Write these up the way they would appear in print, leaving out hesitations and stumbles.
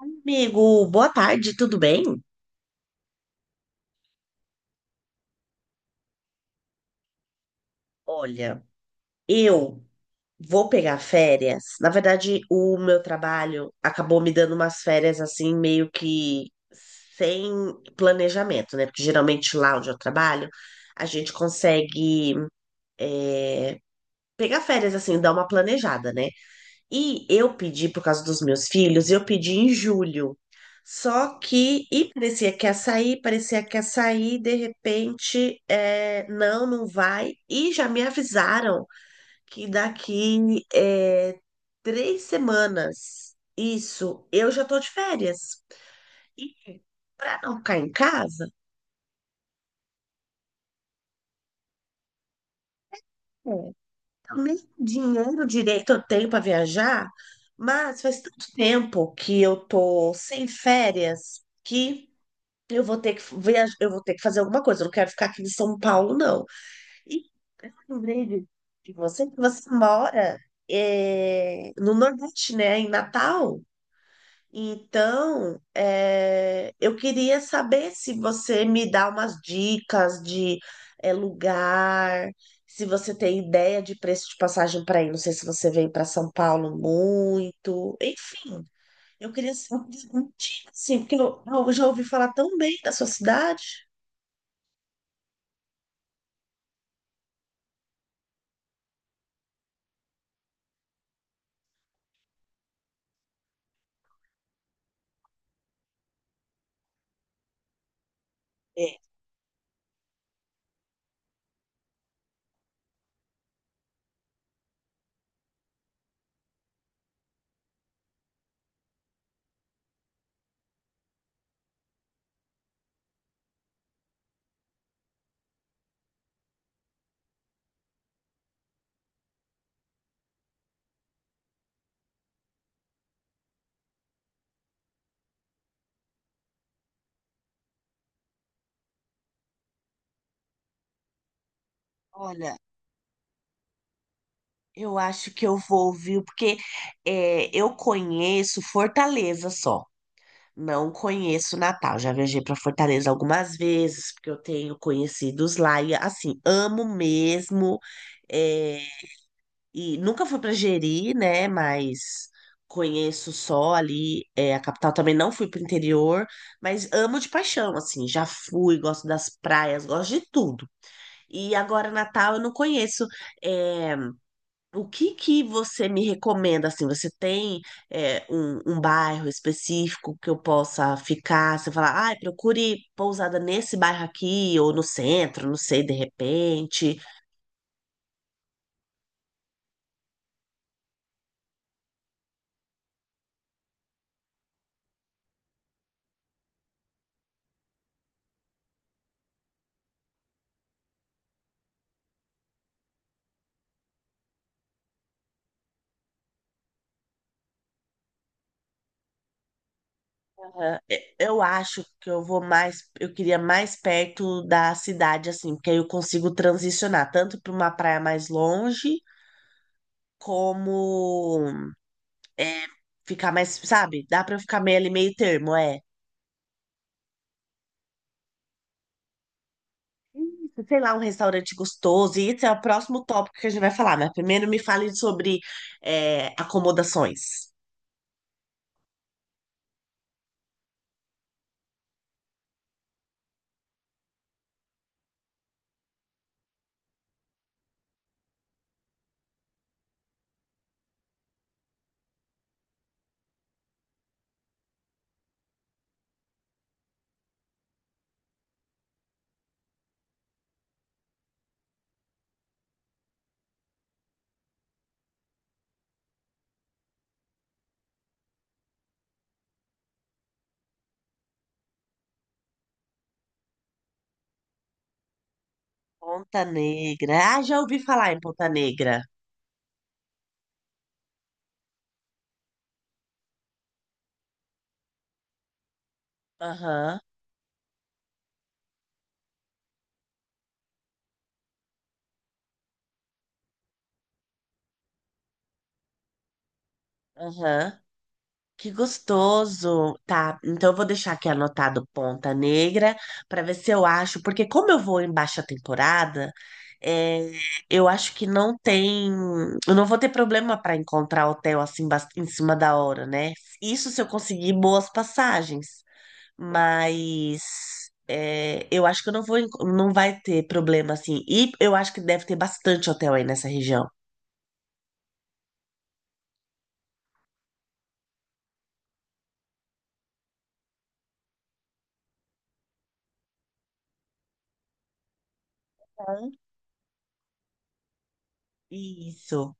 Amigo, boa tarde, tudo bem? Olha, eu vou pegar férias. Na verdade, o meu trabalho acabou me dando umas férias assim, meio que sem planejamento, né? Porque geralmente lá onde eu trabalho, a gente consegue pegar férias assim, dar uma planejada, né? E eu pedi, por causa dos meus filhos, eu pedi em julho. Só que, e parecia que ia sair, parecia que ia sair, de repente, não, não vai. E já me avisaram que daqui 3 semanas, isso, eu já tô de férias. E para não ficar em casa, é, eu nem dinheiro direito eu tenho para viajar, mas faz tanto tempo que eu tô sem férias que. Eu vou ter que viajar, eu vou ter que fazer alguma coisa. Eu não quero ficar aqui em São Paulo, não. E eu lembrei de você que você mora no Nordeste, né? Em Natal. Então, eu queria saber se você me dá umas dicas de lugar, se você tem ideia de preço de passagem para ir. Não sei se você vem para São Paulo muito. Enfim, eu queria saber, assim, porque eu já ouvi falar tão bem da sua cidade. É, olha, eu acho que eu vou ouvir, porque eu conheço Fortaleza só. Não conheço Natal. Já viajei para Fortaleza algumas vezes, porque eu tenho conhecidos lá e assim, amo mesmo. é, e nunca fui para Jeri, né? Mas conheço só ali, é, a capital também não fui para o interior, mas amo de paixão, assim, já fui, gosto das praias, gosto de tudo. E agora Natal eu não conheço. é, O que que você me recomenda, assim, você tem um bairro específico que eu possa ficar? Você fala, ah, procure pousada nesse bairro aqui, ou no centro, não sei, de repente. Ah, é, eu acho que eu vou mais, eu queria mais perto da cidade, assim, porque aí eu consigo transicionar tanto para uma praia mais longe, como é, ficar mais, sabe? Dá para eu ficar meio ali, meio termo, é. Isso, sei lá, um restaurante gostoso, e esse é o próximo tópico que a gente vai falar, mas primeiro me fale sobre acomodações. Ponta Negra. Ah, já ouvi falar em Ponta Negra. Aham, aham. Que gostoso. Tá, então eu vou deixar aqui anotado Ponta Negra para ver se eu acho, porque como eu vou em baixa temporada, é, eu acho que não tem, eu não vou ter problema para encontrar hotel assim em cima da hora, né? Isso se eu conseguir boas passagens. Mas é, eu acho que eu não vou, não vai ter problema assim. E eu acho que deve ter bastante hotel aí nessa região. Bom. Isso.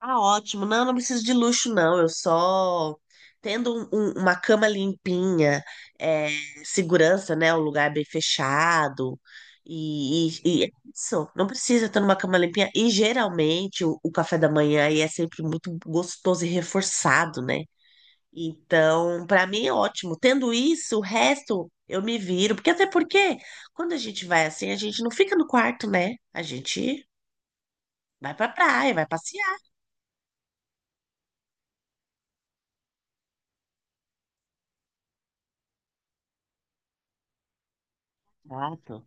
Ah, ótimo. Não, não preciso de luxo, não. Eu só tendo uma cama limpinha, é, segurança, né? Um lugar bem fechado. E, e é isso. Não precisa ter uma cama limpinha. E geralmente o café da manhã aí é sempre muito gostoso e reforçado, né? Então, para mim é ótimo. Tendo isso, o resto eu me viro, porque até porque quando a gente vai assim, a gente não fica no quarto, né? A gente vai pra praia, vai passear. Exato.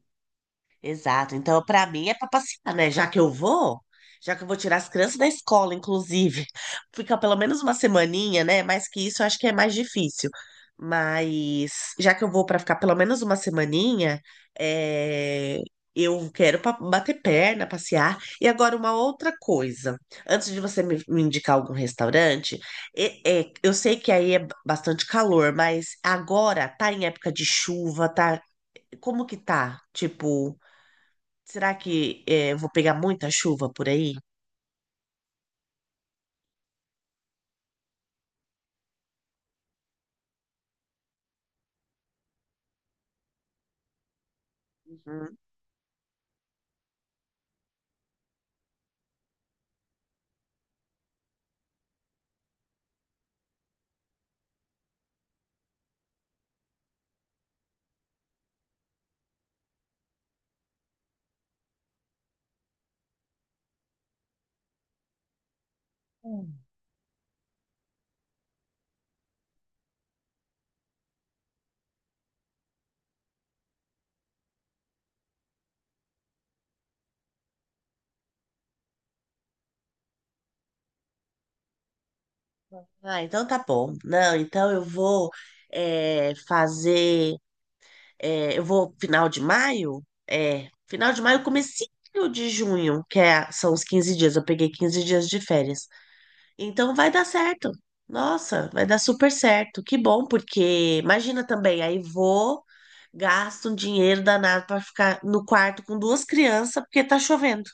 Exato. Então, para mim é para passear, né? Já que eu vou tirar as crianças da escola, inclusive, fica pelo menos uma semaninha, né? Mais que isso, eu acho que é mais difícil. Mas já que eu vou para ficar pelo menos uma semaninha, é, eu quero bater perna, passear. E agora uma outra coisa. Antes de você me indicar algum restaurante, é, eu sei que aí é bastante calor, mas agora tá em época de chuva, tá? Como que tá? Tipo, será que eu vou pegar muita chuva por aí? Uhum. Hum. Ah, então tá bom. Não, então eu vou fazer. Eu vou final de maio? É, final de maio, comecinho de junho, que são os 15 dias. Eu peguei 15 dias de férias. Então vai dar certo. Nossa, vai dar super certo. Que bom, porque imagina também, aí vou, gasto um dinheiro danado para ficar no quarto com duas crianças, porque tá chovendo.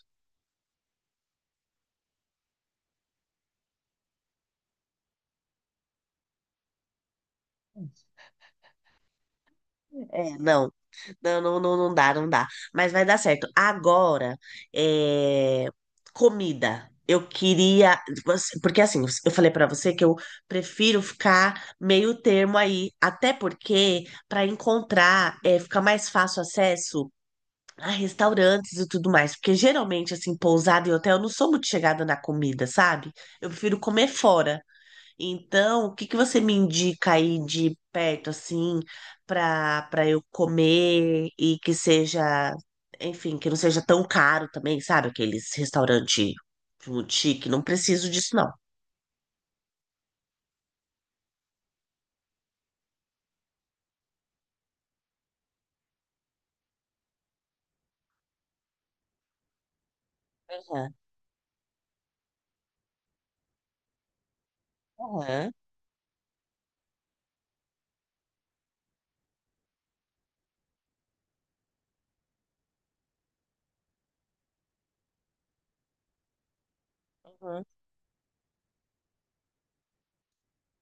É, não. Não, não, não, não dá, não dá. Mas vai dar certo. Agora, é, comida. Eu queria. Porque assim, eu falei pra você que eu prefiro ficar meio termo aí. Até porque, pra encontrar, é, fica mais fácil acesso a restaurantes e tudo mais. Porque geralmente, assim, pousada e hotel, eu não sou muito chegada na comida, sabe? Eu prefiro comer fora. Então, o que que você me indica aí de perto, assim, para eu comer e que seja, enfim, que não seja tão caro também, sabe? Aqueles restaurante muito chique, não preciso disso, não. Aham, aham, aham.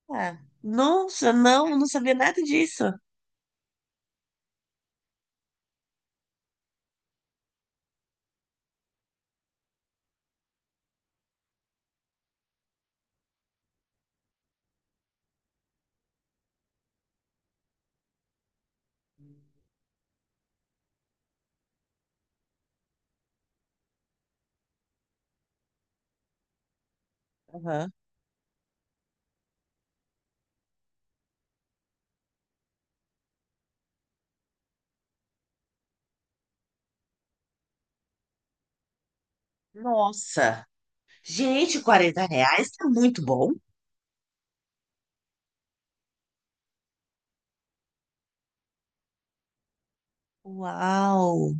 Ah, nossa, não, eu não sabia nada disso. Aham. Nossa, gente, R$ 40 tá muito bom. Uau,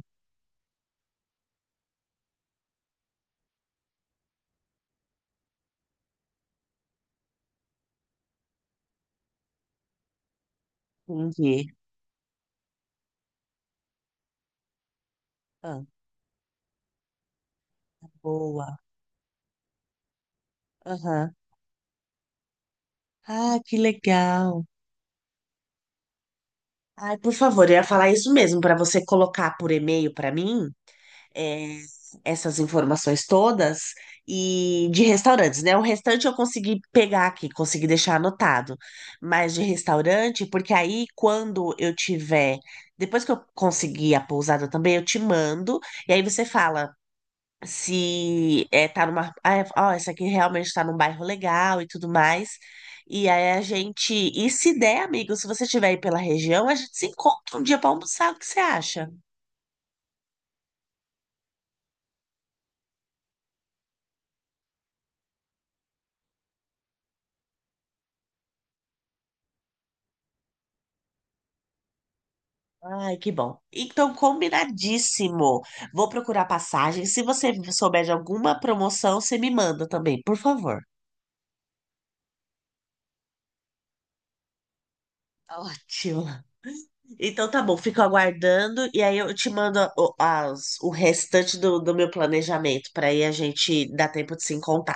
entendi. Ah, boa. Aham. Ah, que legal. Ai, por favor, eu ia falar isso mesmo, para você colocar por e-mail para mim é, essas informações todas e de restaurantes, né? O restante eu consegui pegar aqui, consegui deixar anotado, mas de restaurante, porque aí quando eu tiver, depois que eu conseguir a pousada também, eu te mando e aí você fala se é, tá numa. Ah, ó, essa aqui realmente tá num bairro legal e tudo mais. E aí a gente. E se der, amigo, se você estiver aí pela região, a gente se encontra um dia pra almoçar. O que você acha? Ai, que bom. Então, combinadíssimo. Vou procurar passagem. Se você souber de alguma promoção, você me manda também, por favor. Ótimo. Então tá bom, fico aguardando e aí eu te mando o restante do meu planejamento para aí a gente dar tempo de se encontrar.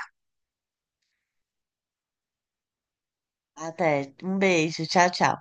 Até. Um beijo. Tchau, tchau.